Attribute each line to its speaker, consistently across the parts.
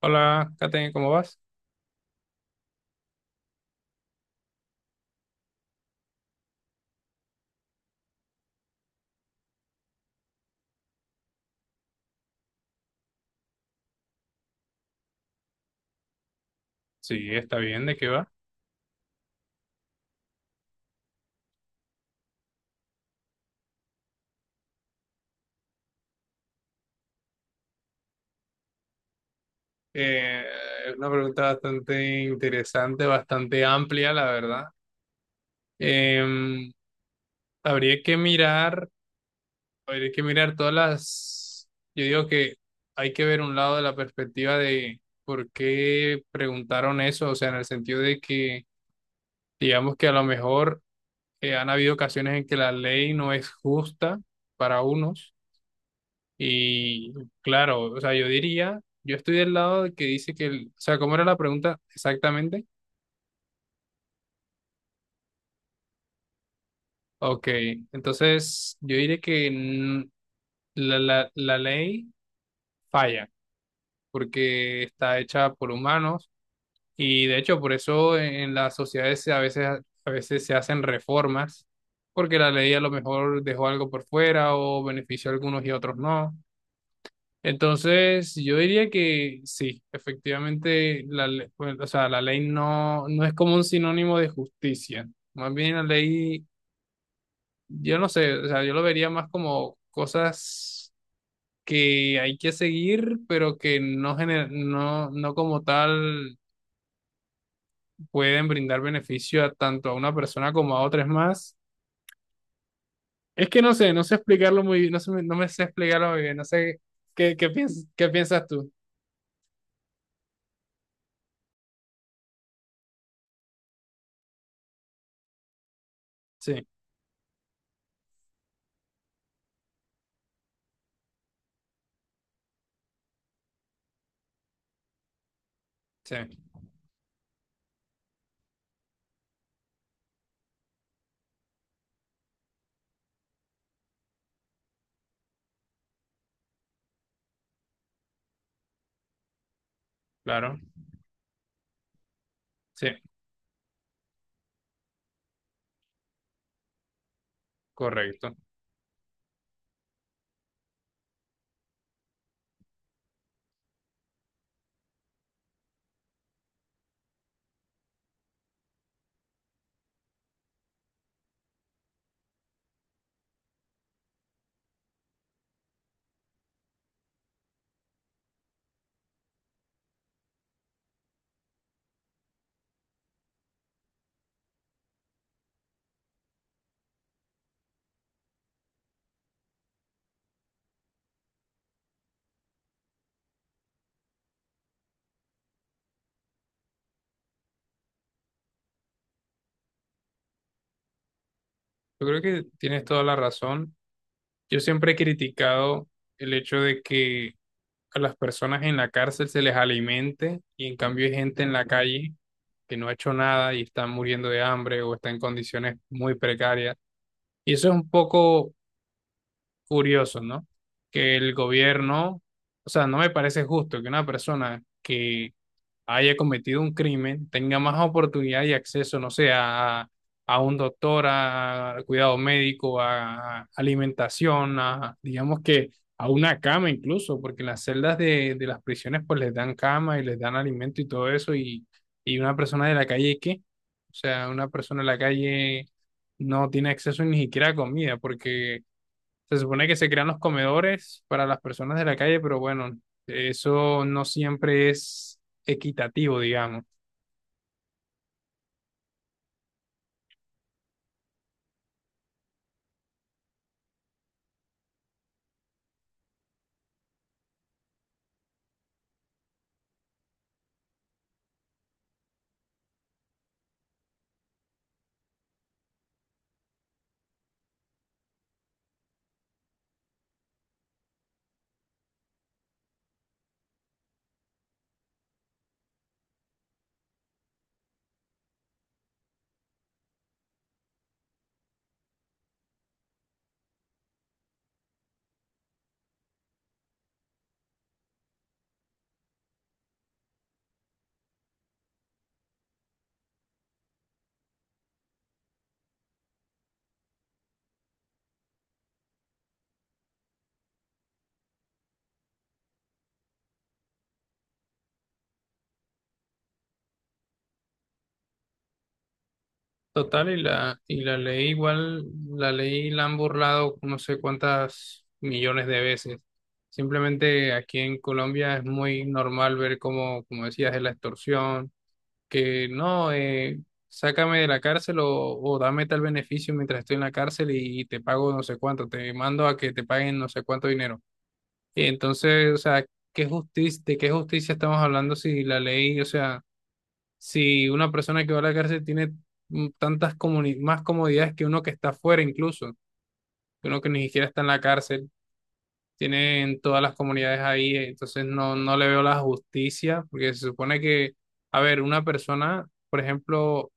Speaker 1: Hola, Kate, ¿cómo vas? Sí, está bien, ¿de qué va? Eh, es una pregunta bastante interesante, bastante amplia, la verdad. Em, Habría que mirar, habría que mirar Yo digo que hay que ver un lado de la perspectiva de por qué preguntaron eso, o sea, en el sentido de que, digamos que a lo mejor han habido ocasiones en que la ley no es justa para unos. Y claro, o sea, yo diría, yo estoy del lado de que dice que, o sea, ¿cómo era la pregunta exactamente? Ok, entonces yo diré que la ley falla porque está hecha por humanos, y de hecho por eso en las sociedades a veces se hacen reformas porque la ley a lo mejor dejó algo por fuera o benefició a algunos y a otros no. Entonces, yo diría que sí, efectivamente, pues, o sea, la ley no, no es como un sinónimo de justicia. Más bien la ley, yo no sé, o sea, yo lo vería más como cosas que hay que seguir, pero que no, no, no como tal pueden brindar beneficio a tanto a una persona como a otras más. Es que no sé, no sé explicarlo muy bien, no sé, no me sé explicarlo muy bien, no sé qué, qué piensas tú. Sí, sí, claro, sí. Correcto. Yo creo que tienes toda la razón. Yo siempre he criticado el hecho de que a las personas en la cárcel se les alimente y en cambio hay gente en la calle que no ha hecho nada y está muriendo de hambre o está en condiciones muy precarias. Y eso es un poco curioso, ¿no? Que el gobierno, o sea, no me parece justo que una persona que haya cometido un crimen tenga más oportunidad y acceso, no sé, a un doctor, a cuidado médico, a alimentación, a, digamos que a una cama incluso, porque en las celdas de las prisiones pues les dan cama y les dan alimento y todo eso, y una persona de la calle, ¿qué? O sea, una persona de la calle no tiene acceso ni siquiera a comida, porque se supone que se crean los comedores para las personas de la calle, pero bueno, eso no siempre es equitativo, digamos. Total, y la ley igual, la ley la han burlado no sé cuántas millones de veces. Simplemente aquí en Colombia es muy normal ver como, como decías, es la extorsión, que no, sácame de la cárcel o dame tal beneficio mientras estoy en la cárcel y te pago no sé cuánto, te mando a que te paguen no sé cuánto dinero. Y entonces, o sea, ¿qué justicia, de qué justicia estamos hablando si la ley, o sea, si una persona que va a la cárcel tiene más comodidades que uno que está fuera incluso, que uno que ni siquiera está en la cárcel, tienen todas las comunidades ahí, entonces no, no le veo la justicia, porque se supone que, a ver, una persona, por ejemplo,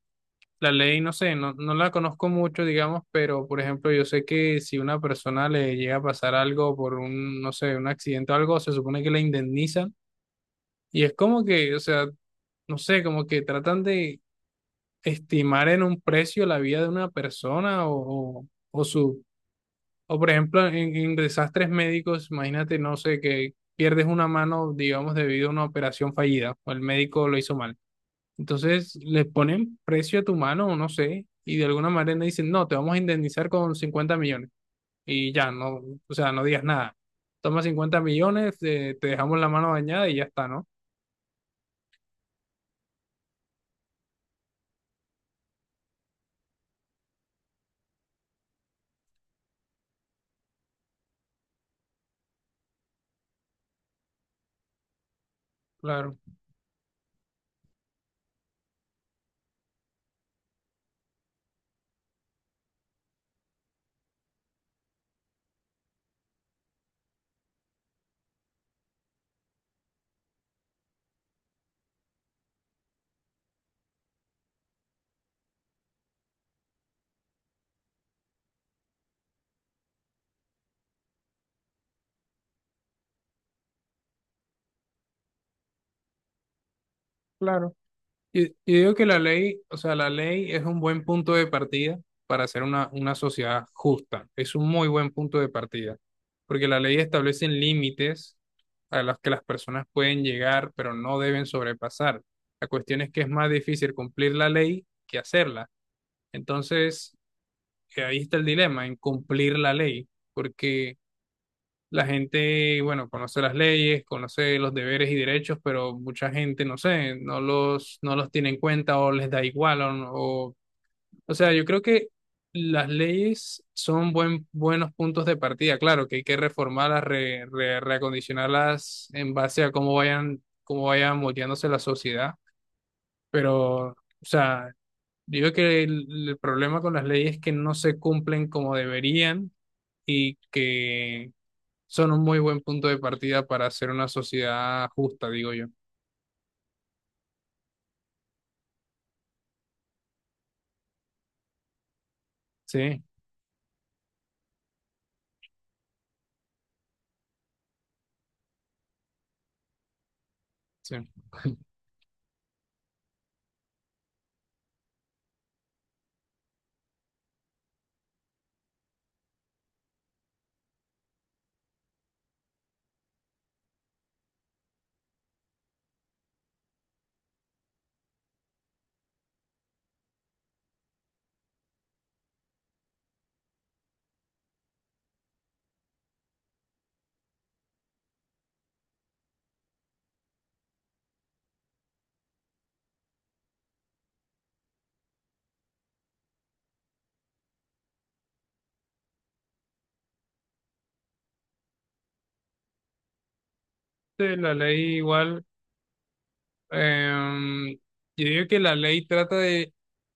Speaker 1: la ley, no sé, no, no la conozco mucho, digamos, pero por ejemplo, yo sé que si una persona le llega a pasar algo por un, no sé, un accidente o algo, se supone que la indemnizan. Y es como que, o sea, no sé, como que tratan de estimar en un precio la vida de una persona o su, o por ejemplo, en desastres médicos, imagínate, no sé, que pierdes una mano, digamos, debido a una operación fallida o el médico lo hizo mal. Entonces le ponen precio a tu mano, o no sé, y de alguna manera dicen, no, te vamos a indemnizar con 50 millones. Y ya, no, o sea, no digas nada. Toma 50 millones, te dejamos la mano dañada y ya está, ¿no? Claro, claro. Yo digo que la ley, o sea, la ley es un buen punto de partida para hacer una sociedad justa. Es un muy buen punto de partida, porque la ley establece límites a los que las personas pueden llegar, pero no deben sobrepasar. La cuestión es que es más difícil cumplir la ley que hacerla. Entonces, ahí está el dilema en cumplir la ley, porque la gente, bueno, conoce las leyes, conoce los deberes y derechos, pero mucha gente, no sé, no los, no los tiene en cuenta o les da igual. O, no- o sea, yo creo que las leyes son buenos puntos de partida. Claro que hay que reformarlas, reacondicionarlas en base a cómo vayan moldeándose la sociedad. Pero, o sea, digo que el problema con las leyes es que no se cumplen como deberían y que son un muy buen punto de partida para hacer una sociedad justa, digo yo. Sí, sí. Sí, la ley igual, yo digo que la ley trata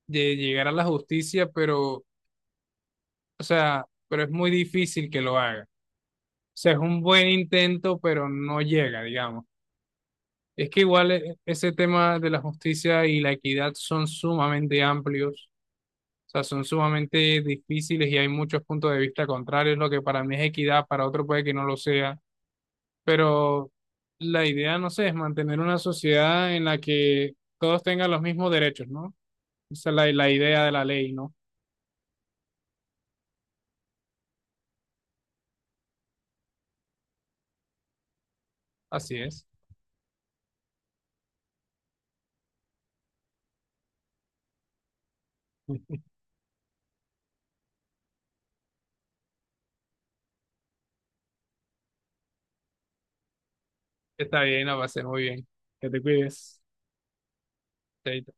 Speaker 1: de llegar a la justicia, pero, o sea, pero es muy difícil que lo haga. O sea, es un buen intento, pero no llega, digamos. Es que igual ese tema de la justicia y la equidad son sumamente amplios, o sea, son sumamente difíciles y hay muchos puntos de vista contrarios. Lo que para mí es equidad, para otro puede que no lo sea. Pero la idea, no sé, es mantener una sociedad en la que todos tengan los mismos derechos, ¿no? Esa es la, la idea de la ley, ¿no? Así es. Está bien, la va a ser muy bien. Que te cuides. Chaito.